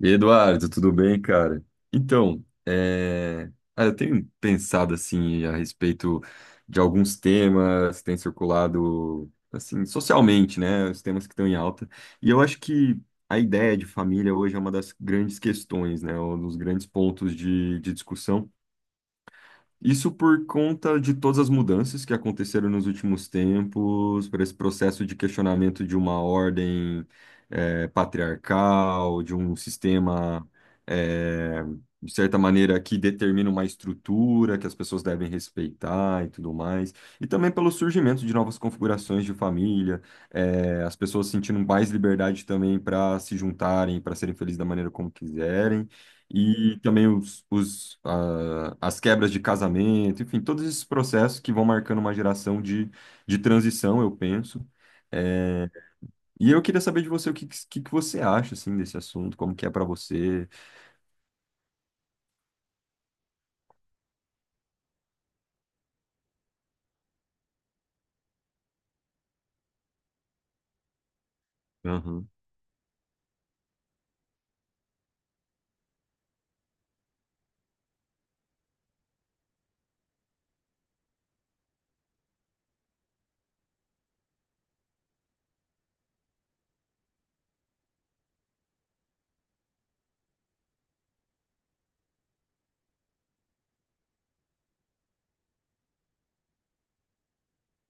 E aí, Eduardo, tudo bem, cara? Então, eu tenho pensado assim a respeito de alguns temas que têm circulado assim socialmente, né? Os temas que estão em alta. E eu acho que a ideia de família hoje é uma das grandes questões, né? Um dos grandes pontos de discussão. Isso por conta de todas as mudanças que aconteceram nos últimos tempos, por esse processo de questionamento de uma ordem patriarcal, de um sistema, eh, de certa maneira, que determina uma estrutura que as pessoas devem respeitar e tudo mais. E também pelo surgimento de novas configurações de família, as pessoas sentindo mais liberdade também para se juntarem, para serem felizes da maneira como quiserem, e também as quebras de casamento, enfim, todos esses processos que vão marcando uma geração de transição, eu penso. É, e eu queria saber de você o que você acha assim, desse assunto, como que é para você. Aham,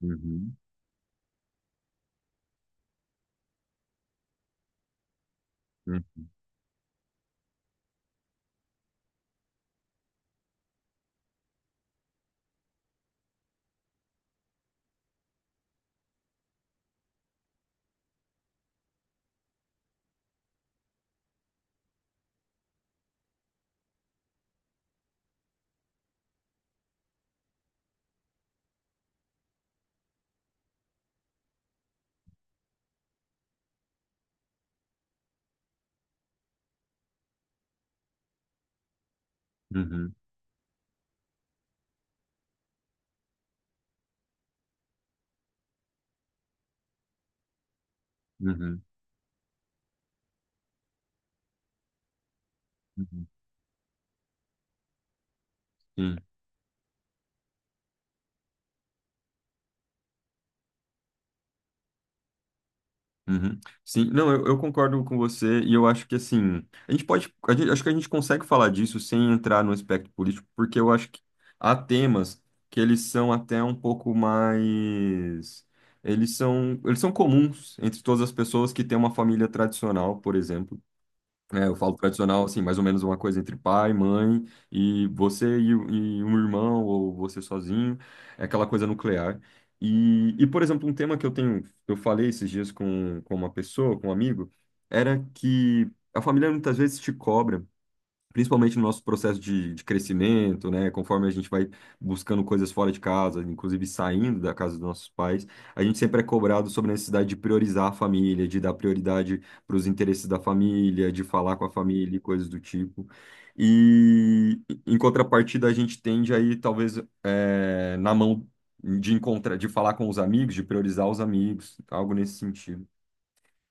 uhum, uhum, uhum, uhum, uhum, uhum. Sim. Uhum. Sim, não, eu concordo com você e eu acho que assim, a gente pode, a gente- acho que a gente consegue falar disso sem entrar no aspecto político, porque eu acho que há temas que eles são até um pouco mais, eles são comuns entre todas as pessoas que têm uma família tradicional, por exemplo. É, eu falo tradicional, assim, mais ou menos uma coisa entre pai, mãe, e você e um irmão, ou você sozinho, é aquela coisa nuclear. E, por exemplo, um tema que eu tenho, eu falei esses dias com uma pessoa, com um amigo, era que a família muitas vezes te cobra principalmente no nosso processo de crescimento, né? Conforme a gente vai buscando coisas fora de casa, inclusive saindo da casa dos nossos pais, a gente sempre é cobrado sobre a necessidade de priorizar a família, de dar prioridade para os interesses da família, de falar com a família e coisas do tipo. E em contrapartida, a gente tende aí, talvez, na mão de encontrar, de falar com os amigos, de priorizar os amigos, algo nesse sentido.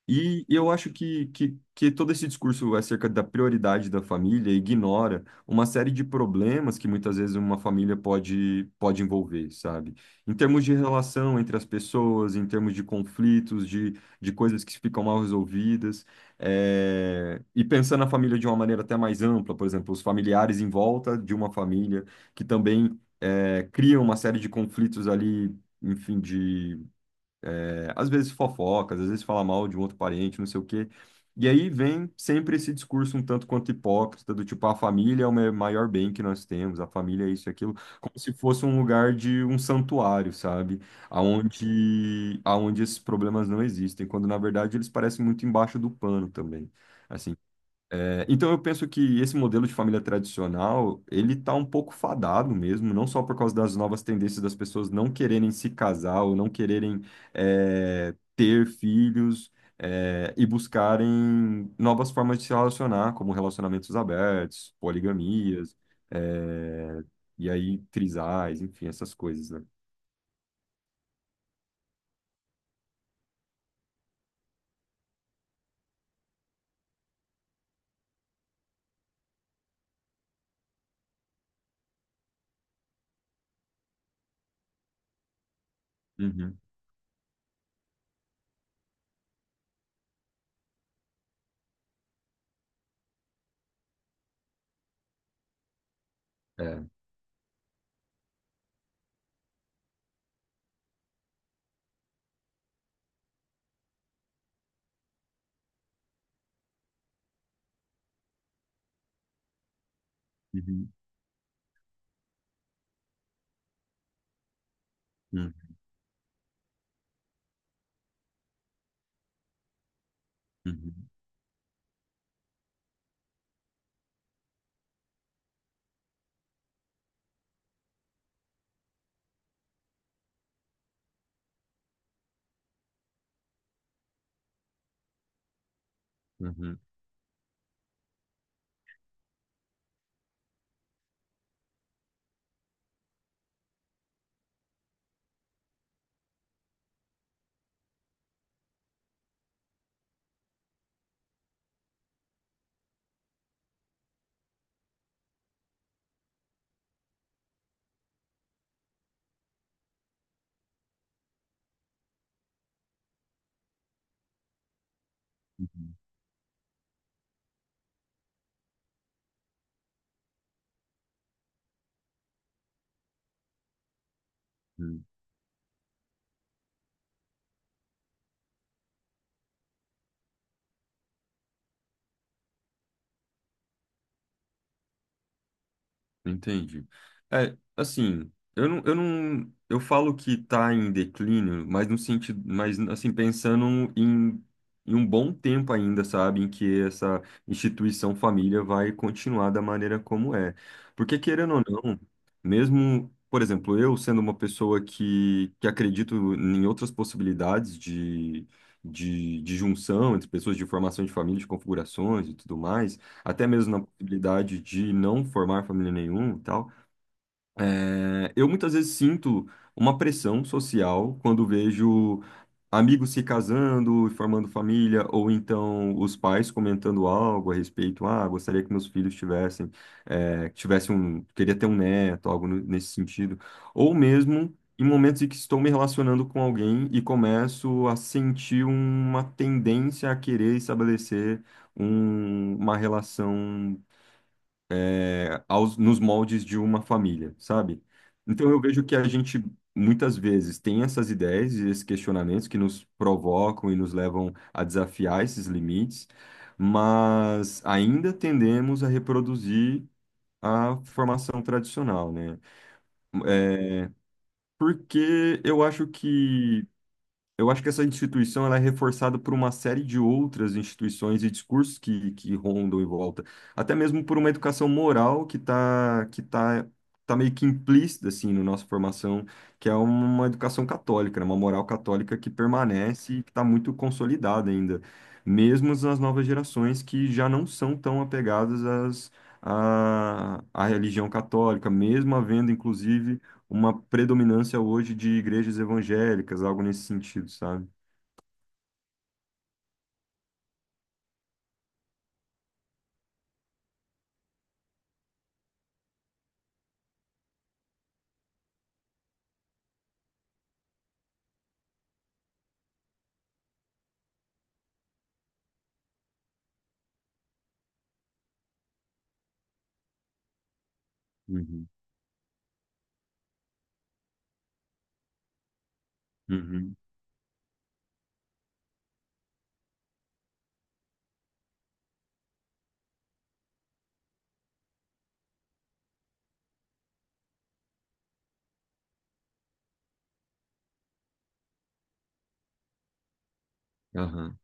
E eu acho que todo esse discurso acerca da prioridade da família ignora uma série de problemas que muitas vezes uma família pode envolver, sabe? Em termos de relação entre as pessoas, em termos de conflitos, de coisas que ficam mal resolvidas. E pensando na família de uma maneira até mais ampla, por exemplo, os familiares em volta de uma família que também criam uma série de conflitos ali, enfim, às vezes fofocas, às vezes fala mal de um outro parente, não sei o quê. E aí vem sempre esse discurso um tanto quanto hipócrita, do tipo, a família é maior bem que nós temos, a família é isso e aquilo, como se fosse um lugar de um santuário, sabe? Aonde esses problemas não existem, quando na verdade eles parecem muito embaixo do pano também. Assim, é, então eu penso que esse modelo de família tradicional, ele tá um pouco fadado mesmo, não só por causa das novas tendências das pessoas não quererem se casar ou não quererem é, ter filhos é, e buscarem novas formas de se relacionar, como relacionamentos abertos, poligamias, é, e aí trisais, enfim, essas coisas, né? Uhum, é. Uhum, uhum, uhum, uhum, uhum, uhum. Entendi. É, assim, eu não, eu falo que está em declínio, mas no sentido, mas assim, em um bom tempo ainda, sabe, em que essa instituição família vai continuar da maneira como é. Porque querendo ou não, mesmo, por exemplo, eu sendo uma pessoa que acredito em outras possibilidades de junção entre pessoas, de formação de família, de configurações e tudo mais, até mesmo na possibilidade de não formar família nenhuma e tal, é, eu muitas vezes sinto uma pressão social quando vejo amigos se casando e formando família, ou então os pais comentando algo a respeito, ah, gostaria que meus filhos tivessem, é, tivessem um, queria ter um neto, algo nesse sentido, ou mesmo em momentos em que estou me relacionando com alguém e começo a sentir uma tendência a querer estabelecer uma relação é, aos, nos moldes de uma família, sabe? Então eu vejo que a gente muitas vezes tem essas ideias e esses questionamentos que nos provocam e nos levam a desafiar esses limites, mas ainda tendemos a reproduzir a formação tradicional, né? É, porque eu acho que essa instituição ela é reforçada por uma série de outras instituições e discursos que rondam em volta, até mesmo por uma educação moral que está que tá, tá meio que implícita assim na nossa formação, que é uma educação católica, né? Uma moral católica que permanece e que está muito consolidada ainda, mesmo nas novas gerações que já não são tão apegadas às, à religião católica, mesmo havendo, inclusive, uma predominância hoje de igrejas evangélicas, algo nesse sentido, sabe? Uhum, uhum, aham.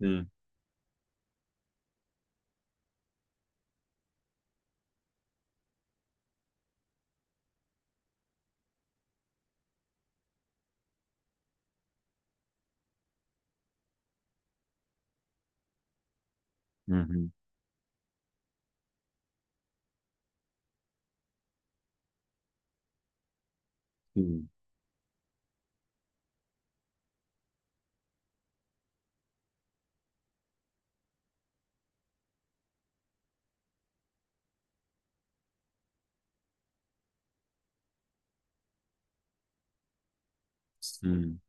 Sim. Uhum, sim, sim.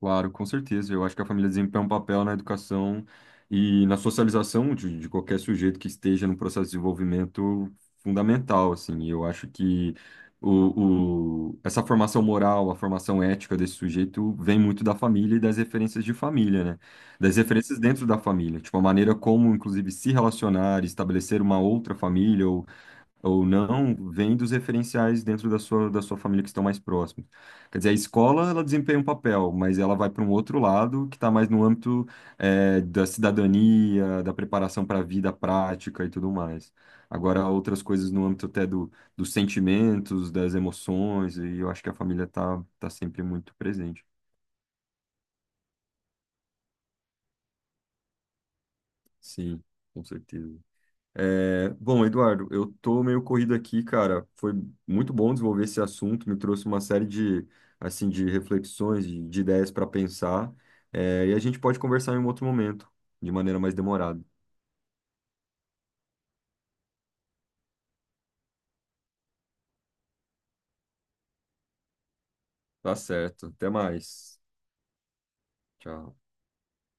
Claro, com certeza. Eu acho que a família desempenha um papel na educação e na socialização de qualquer sujeito que esteja no processo de desenvolvimento fundamental, assim. E eu acho que essa formação moral, a formação ética desse sujeito vem muito da família e das referências de família, né? Das referências dentro da família, tipo a maneira como, inclusive, se relacionar, estabelecer uma outra família ou não, vem dos referenciais dentro da da sua família que estão mais próximos. Quer dizer, a escola, ela desempenha um papel, mas ela vai para um outro lado que está mais no âmbito, da cidadania, da preparação para a vida prática e tudo mais. Agora, outras coisas no âmbito até dos sentimentos, das emoções, e eu acho que a família tá sempre muito presente. Sim, com certeza. É, bom, Eduardo, eu tô meio corrido aqui, cara. Foi muito bom desenvolver esse assunto, me trouxe uma série de, assim, de reflexões, de ideias para pensar. É, e a gente pode conversar em um outro momento, de maneira mais demorada. Tá certo. Até mais. Tchau.